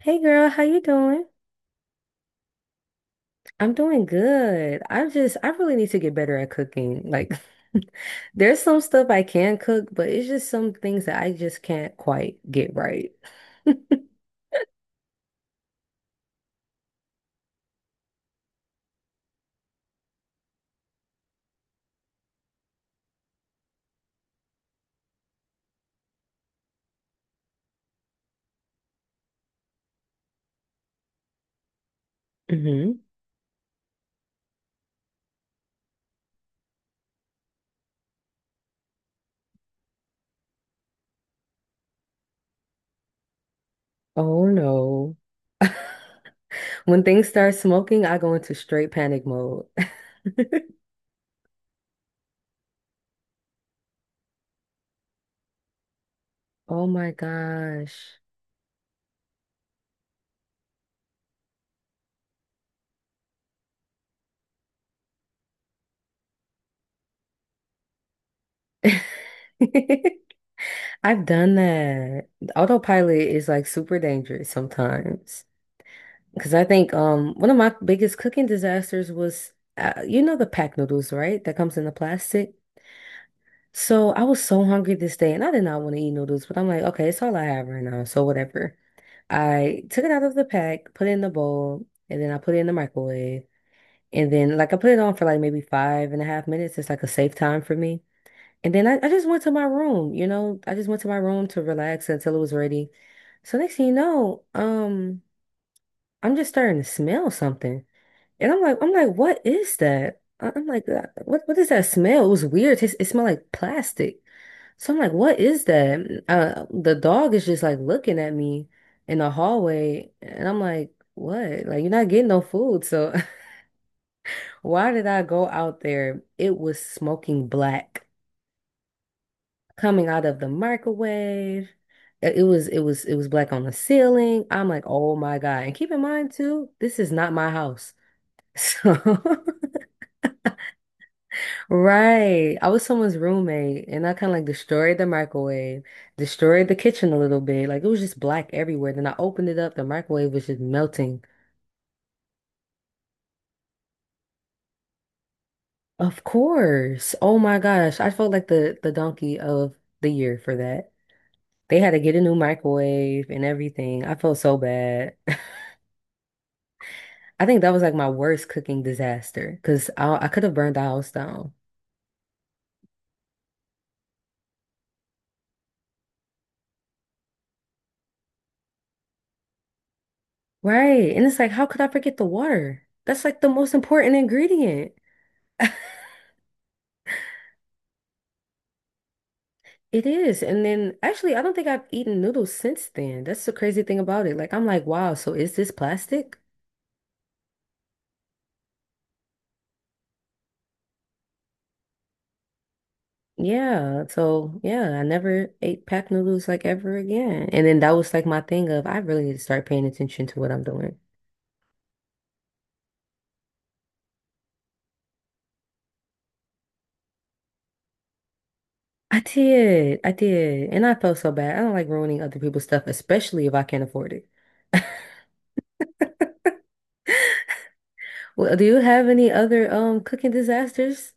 Hey girl, how you doing? I'm doing good. I just I really need to get better at cooking. Like there's some stuff I can cook, but it's just some things that I just can't quite get right. Mhm. Oh no. When things start smoking, I go into straight panic mode. Oh my gosh. I've done that. Autopilot is like super dangerous sometimes. Because I think one of my biggest cooking disasters was you know the pack noodles, right? That comes in the plastic. So I was so hungry this day and I did not want to eat noodles, but I'm like, okay, it's all I have right now, so whatever. I took it out of the pack, put it in the bowl, and then I put it in the microwave. And then like I put it on for like maybe five and a half minutes. It's like a safe time for me. And then I just went to my room, you know, I just went to my room to relax until it was ready. So next thing you know, I'm just starting to smell something. And I'm like, what is that? I'm like, what is that smell?" It was weird. It smelled like plastic. So I'm like, what is that? The dog is just like looking at me in the hallway, and I'm like, what? Like you're not getting no food, so why did I go out there? It was smoking black coming out of the microwave. It was black on the ceiling. I'm like, oh my God. And keep in mind too, this is not my house. So right. I was someone's roommate and I kind of like destroyed the microwave, destroyed the kitchen a little bit. Like it was just black everywhere. Then I opened it up, the microwave was just melting. Of course. Oh my gosh. I felt like the donkey of the year for that. They had to get a new microwave and everything. I felt so bad. I think that was like my worst cooking disaster because I could have burned the house down. Right. And it's like, how could I forget the water? That's like the most important ingredient. It is. And then actually, I don't think I've eaten noodles since then. That's the crazy thing about it. Like, I'm like, wow, so is this plastic? Yeah. So, yeah, I never ate packed noodles like ever again. And then that was like my thing of I really need to start paying attention to what I'm doing. I did. I did. And I felt so bad. I don't like ruining other people's stuff, especially if I can't afford it. Well, do you have any other cooking disasters?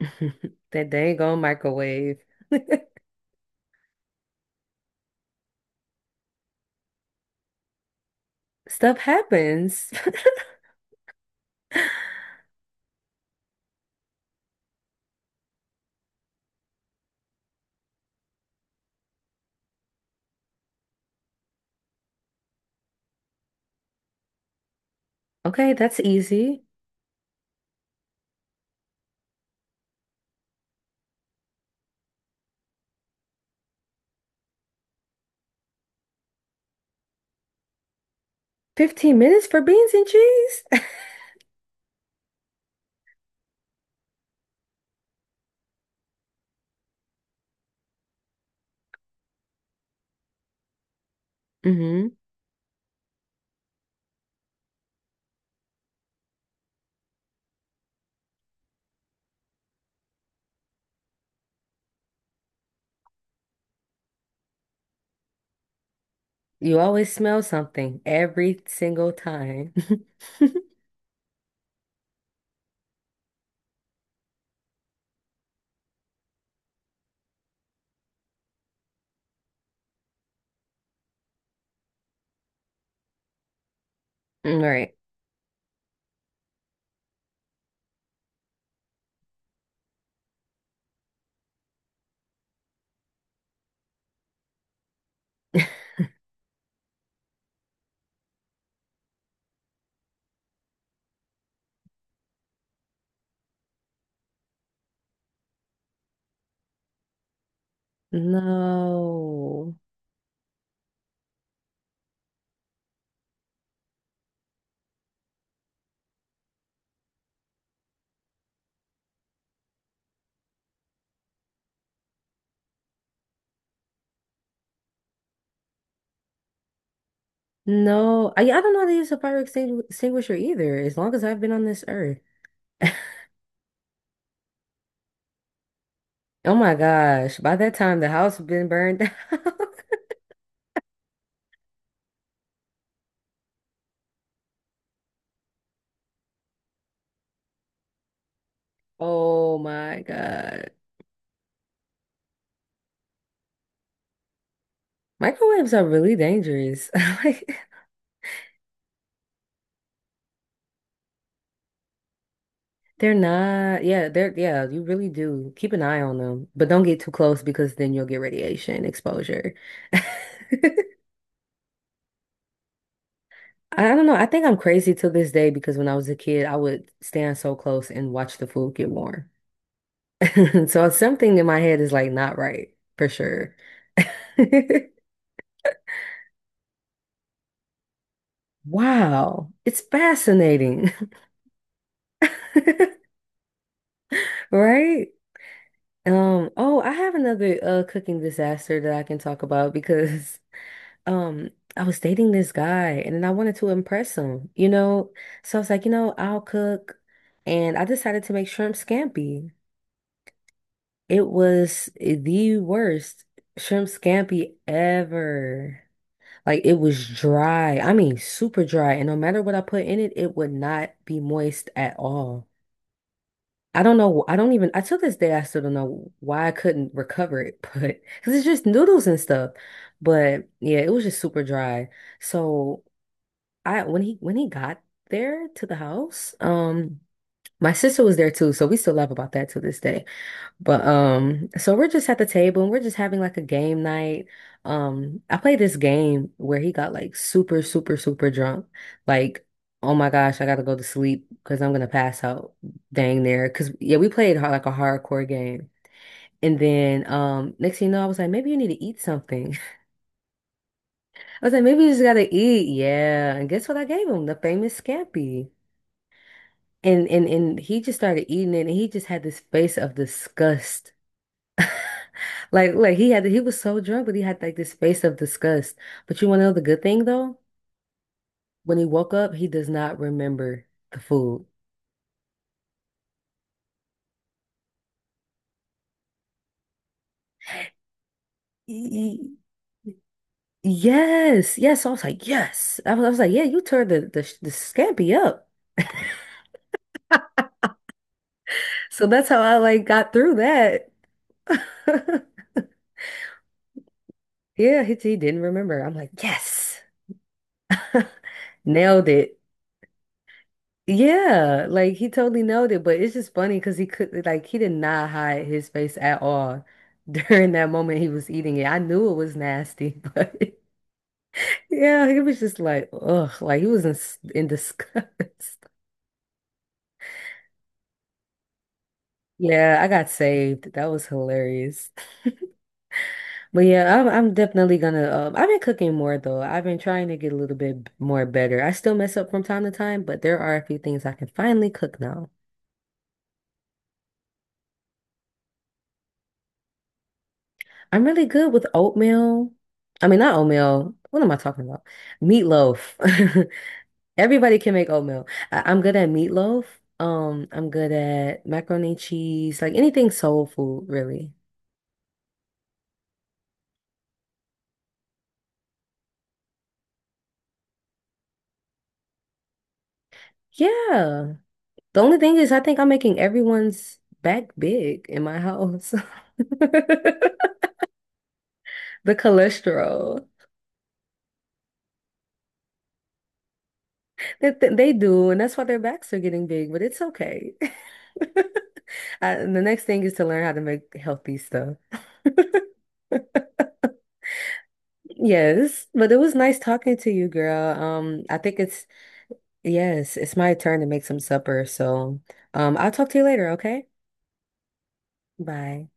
That dang on microwave. Stuff happens. Okay, that's easy. 15 minutes for beans and cheese? hmm. You always smell something every single time. Right. No. No. I don't know how to use a fire extinguisher either, as long as I've been on this earth. Oh my gosh. By that time, the house has been burned down. Oh my God. Microwaves are really dangerous. Like they're not, yeah, they're, you really do. Keep an eye on them, but don't get too close because then you'll get radiation exposure. I don't know. I think I'm crazy to this day because when I was a kid, I would stand so close and watch the food get warm. So something in my head is like not right for sure. Wow, it's fascinating. Right? Oh, I have another cooking disaster that I can talk about because um I was dating this guy and then I wanted to impress him, you know? So I was like, you know, I'll cook and I decided to make shrimp scampi. It was the worst shrimp scampi ever. Like it was dry. I mean, super dry. And no matter what I put in it, it would not be moist at all. I don't know. I don't even, I till this day, I still don't know why I couldn't recover it, but because it's just noodles and stuff. But yeah, it was just super dry. So I, when he got there to the house, my sister was there too. So we still laugh about that to this day. But so we're just at the table and we're just having like a game night. I played this game where he got like super, super, super drunk. Like, oh my gosh, I gotta go to sleep because I'm gonna pass out dang near. Cause yeah, we played hard, like a hardcore game. And then next thing you know, I was like, maybe you need to eat something. I was like, maybe you just gotta eat. Yeah. And guess what I gave him? The famous scampi. And he just started eating it and he just had this face of disgust. Like he had, he was so drunk, but he had like this face of disgust. But you want to know the good thing though? When he woke up, he does not remember the food. Y- Yes, yes. So I was like, yes. I was like, yeah, you turned the scampi up. So that's how I like got through that. Yeah, he didn't remember. I'm like, yes, nailed it. Yeah, like he totally nailed it, but it's just funny because he could like he did not hide his face at all during that moment he was eating it. I knew it was nasty, but yeah, he was just like, ugh, like he was in, in disgust. Yeah, I got saved. That was hilarious. But yeah, I'm definitely gonna. I've been cooking more though. I've been trying to get a little bit more better. I still mess up from time to time, but there are a few things I can finally cook now. I'm really good with oatmeal. I mean, not oatmeal. What am I talking about? Meatloaf. Everybody can make oatmeal. I'm good at meatloaf. I'm good at macaroni and cheese, like anything soul food, really. Yeah. The only thing is, I think I'm making everyone's back big in my house. The cholesterol. They do, and that's why their backs are getting big, but it's okay. I, the next thing is to learn how to make healthy. Yes, but it was nice talking to you, girl. I think it's yes, it's my turn to make some supper. So, I'll talk to you later, okay? Bye.